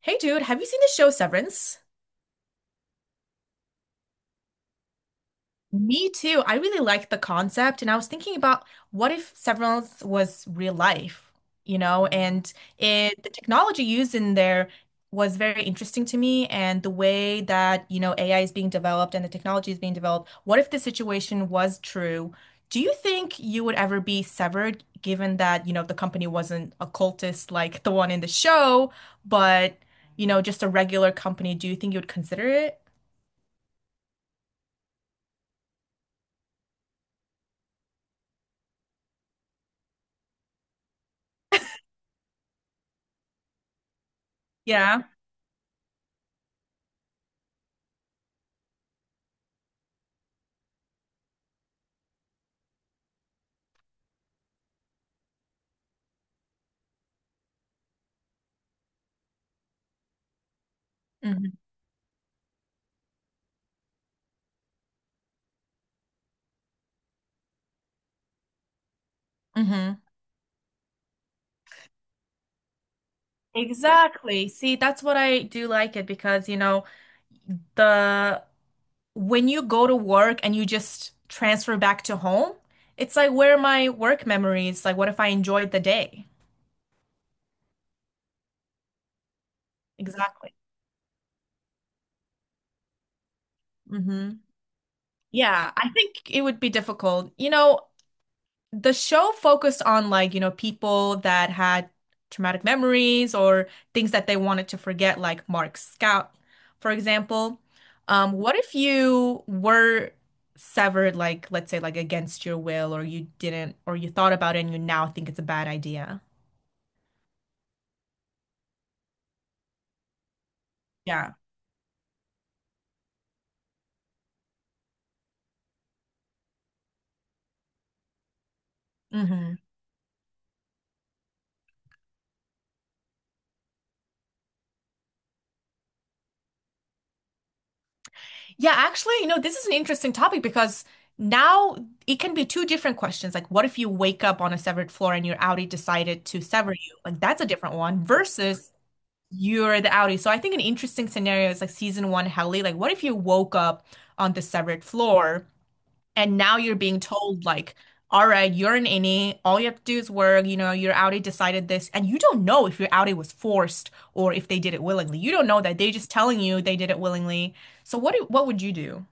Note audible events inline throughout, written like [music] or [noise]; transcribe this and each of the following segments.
Hey dude, have you seen the show Severance? Me too. I really like the concept, and I was thinking about what if Severance was real life, and it the technology used in there was very interesting to me, and the way that, AI is being developed and the technology is being developed. What if this situation was true? Do you think you would ever be severed, given that, the company wasn't a cultist like the one in the show, but, just a regular company? Do you think you would consider it? Mhm. Mhm. Exactly. See, that's what I do like it because, the when you go to work and you just transfer back to home, it's like where are my work memories? Like what if I enjoyed the day? Exactly. hmm Yeah, I think it would be difficult. The show focused on like, people that had traumatic memories or things that they wanted to forget, like Mark Scout, for example. What if you were severed, like, let's say, like against your will, or you didn't, or you thought about it and you now think it's a bad idea? Yeah. hmm Yeah, actually, this is an interesting topic because now it can be two different questions. Like, what if you wake up on a severed floor and your Audi decided to sever you? Like, that's a different one versus you're the outie. So I think an interesting scenario is like season one Helly. Like, what if you woke up on the severed floor and now you're being told, like, all right, you're an innie. All you have to do is work. You know, your outie decided this, and you don't know if your outie was forced or if they did it willingly. You don't know that. They're just telling you they did it willingly. So what would you do?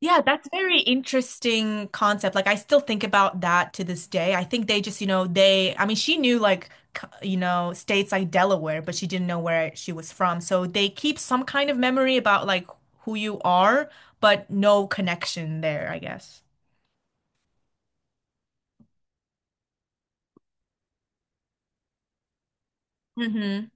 Yeah, that's very interesting concept. Like I still think about that to this day. I think they just, they I mean she knew like c- states like Delaware, but she didn't know where she was from. So they keep some kind of memory about like who you are, but no connection there, I guess. Mm-hmm.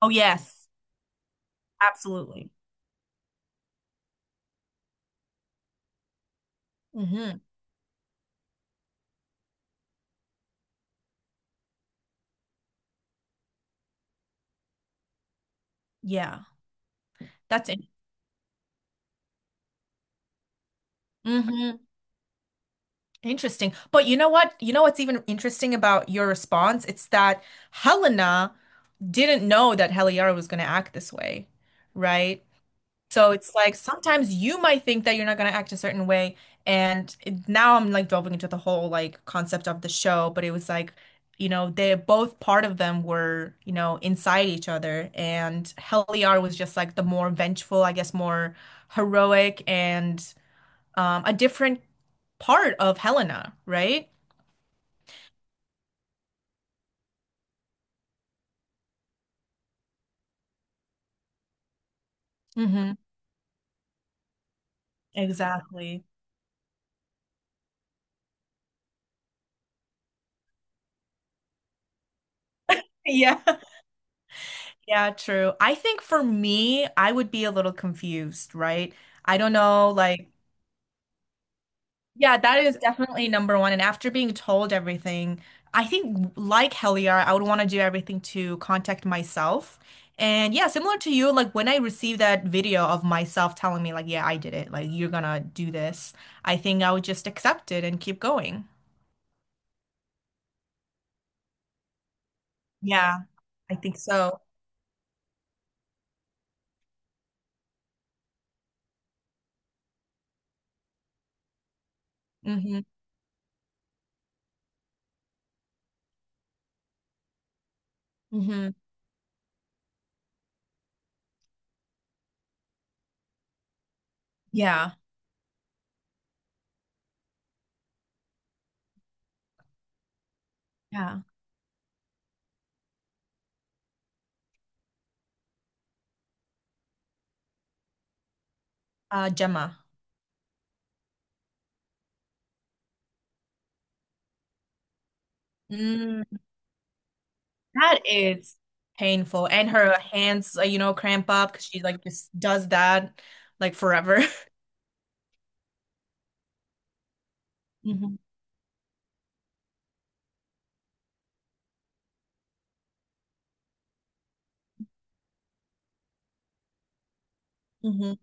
Oh yes, absolutely. Mm-hmm. Yeah. That's it. Mm-hmm. Interesting. But you know what? You know what's even interesting about your response? It's that Helena didn't know that Heliara was going to act this way, right? So it's like sometimes you might think that you're not going to act a certain way. And it- now I'm like delving into the whole like concept of the show, but it was like, they both part of them were, inside each other. And Heliara was just like the more vengeful, I guess, more heroic and a different part of Helena, right? hmm Exactly. [laughs] Yeah. Yeah, true. I think for me, I would be a little confused, right? I don't know, like, yeah, that is definitely number one. And after being told everything, I think like Heliar, I would want to do everything to contact myself. And yeah, similar to you, like when I received that video of myself telling me, like, yeah, I did it, like, you're gonna do this, I think I would just accept it and keep going. Yeah, I think so. Mm-hmm. Mm-hmm. Yeah. Yeah. Gemma. Mm. That is painful. And her hands, cramp up because she like just does that like forever. [laughs] hmm hmm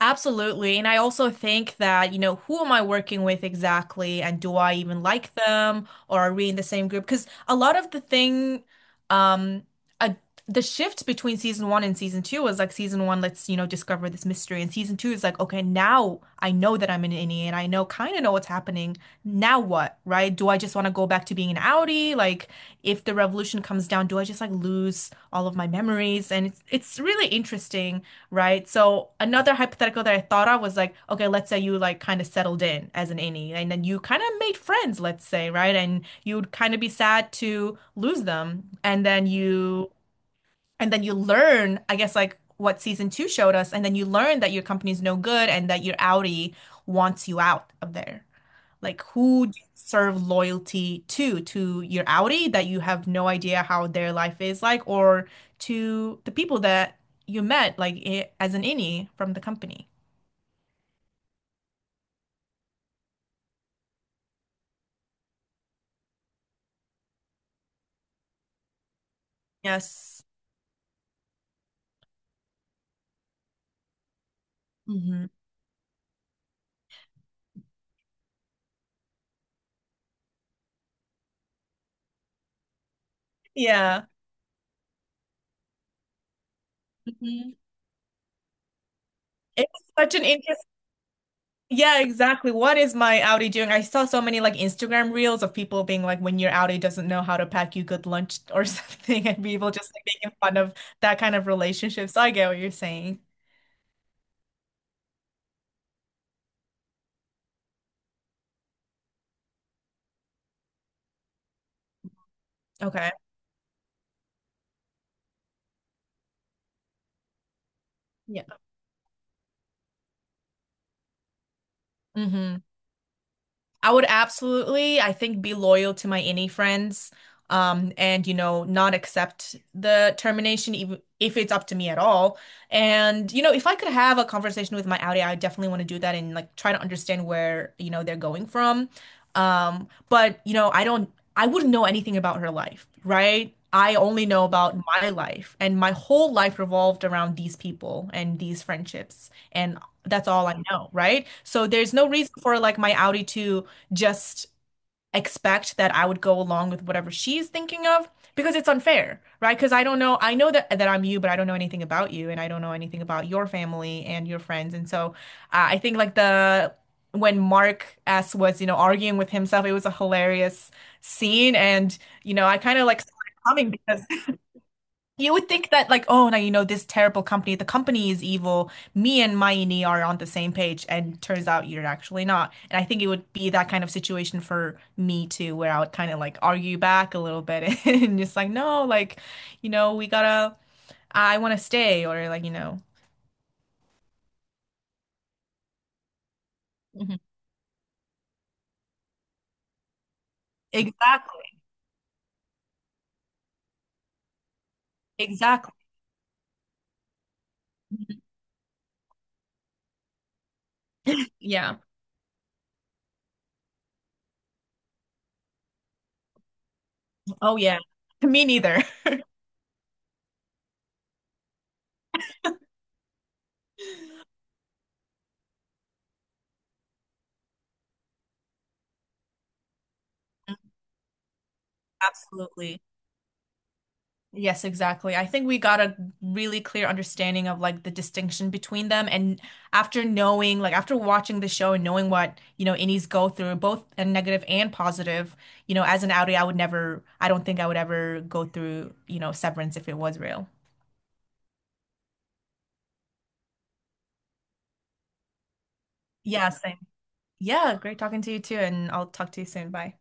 Absolutely. And I also think that, who am I working with exactly? And do I even like them? Or are we in the same group? Because a lot of the thing, um, a, the shift between season one and season two was like season one, let's, discover this mystery. And season two is like, okay, now I know that I'm an innie and I know kind of know what's happening. Now what, right? Do I just want to go back to being an Audi? Like, if the revolution comes down, do I just like lose all of my memories? And it's really interesting. Right. So another hypothetical that I thought of was like, okay, let's say you like kind of settled in as an innie and then you kind of made friends, let's say, right? And you would kind of be sad to lose them. And then you learn, I guess like what season two showed us, and then you learn that your company's no good and that your Audi wants you out of there. Like who do you serve loyalty to your Audi that you have no idea how their life is like, or to the people that you met like I as an innie from the company. Yes. hmm Yeah. hmm It's such an interest. Yeah, exactly. What is my Audi doing? I saw so many like Instagram reels of people being like, when your Audi doesn't know how to pack you good lunch or [laughs] something, and people just like making fun of that kind of relationship. So I get what you're saying. Okay. Yeah. Mhm. I would absolutely, I think, be loyal to my any friends, and you know, not accept the termination even if it's up to me at all. And you know, if I could have a conversation with my Audi, I definitely want to do that and like try to understand where, they're going from. But I wouldn't know anything about her life, right? I only know about my life, and my whole life revolved around these people and these friendships, and that's all I know, right? So there's no reason for like my Audi to just expect that I would go along with whatever she's thinking of because it's unfair, right? Because I don't know, I know that I'm you, but I don't know anything about you and I don't know anything about your family and your friends. And so I think like the when Mark S was, arguing with himself, it was a hilarious scene and you know, I kind of like saw it coming because you would think that, like, oh, now you know this terrible company, the company is evil. Me and Mayini are on the same page, and turns out you're actually not. And I think it would be that kind of situation for me too, where I would kind of like argue back a little bit [laughs] and just like, no, like, you know, I want to stay, or like, you know, Mhm. Exactly, exactly. Mhm. Yeah. Oh, yeah. [laughs] Me neither. [laughs] Absolutely. Yes, exactly. I think we got a really clear understanding of like the distinction between them. And after knowing, like after watching the show and knowing what, innies go through, both a negative and positive, as an Audi, I would never, I don't think I would ever go through, severance if it was real. Yeah, same. Yeah, great talking to you too. And I'll talk to you soon. Bye.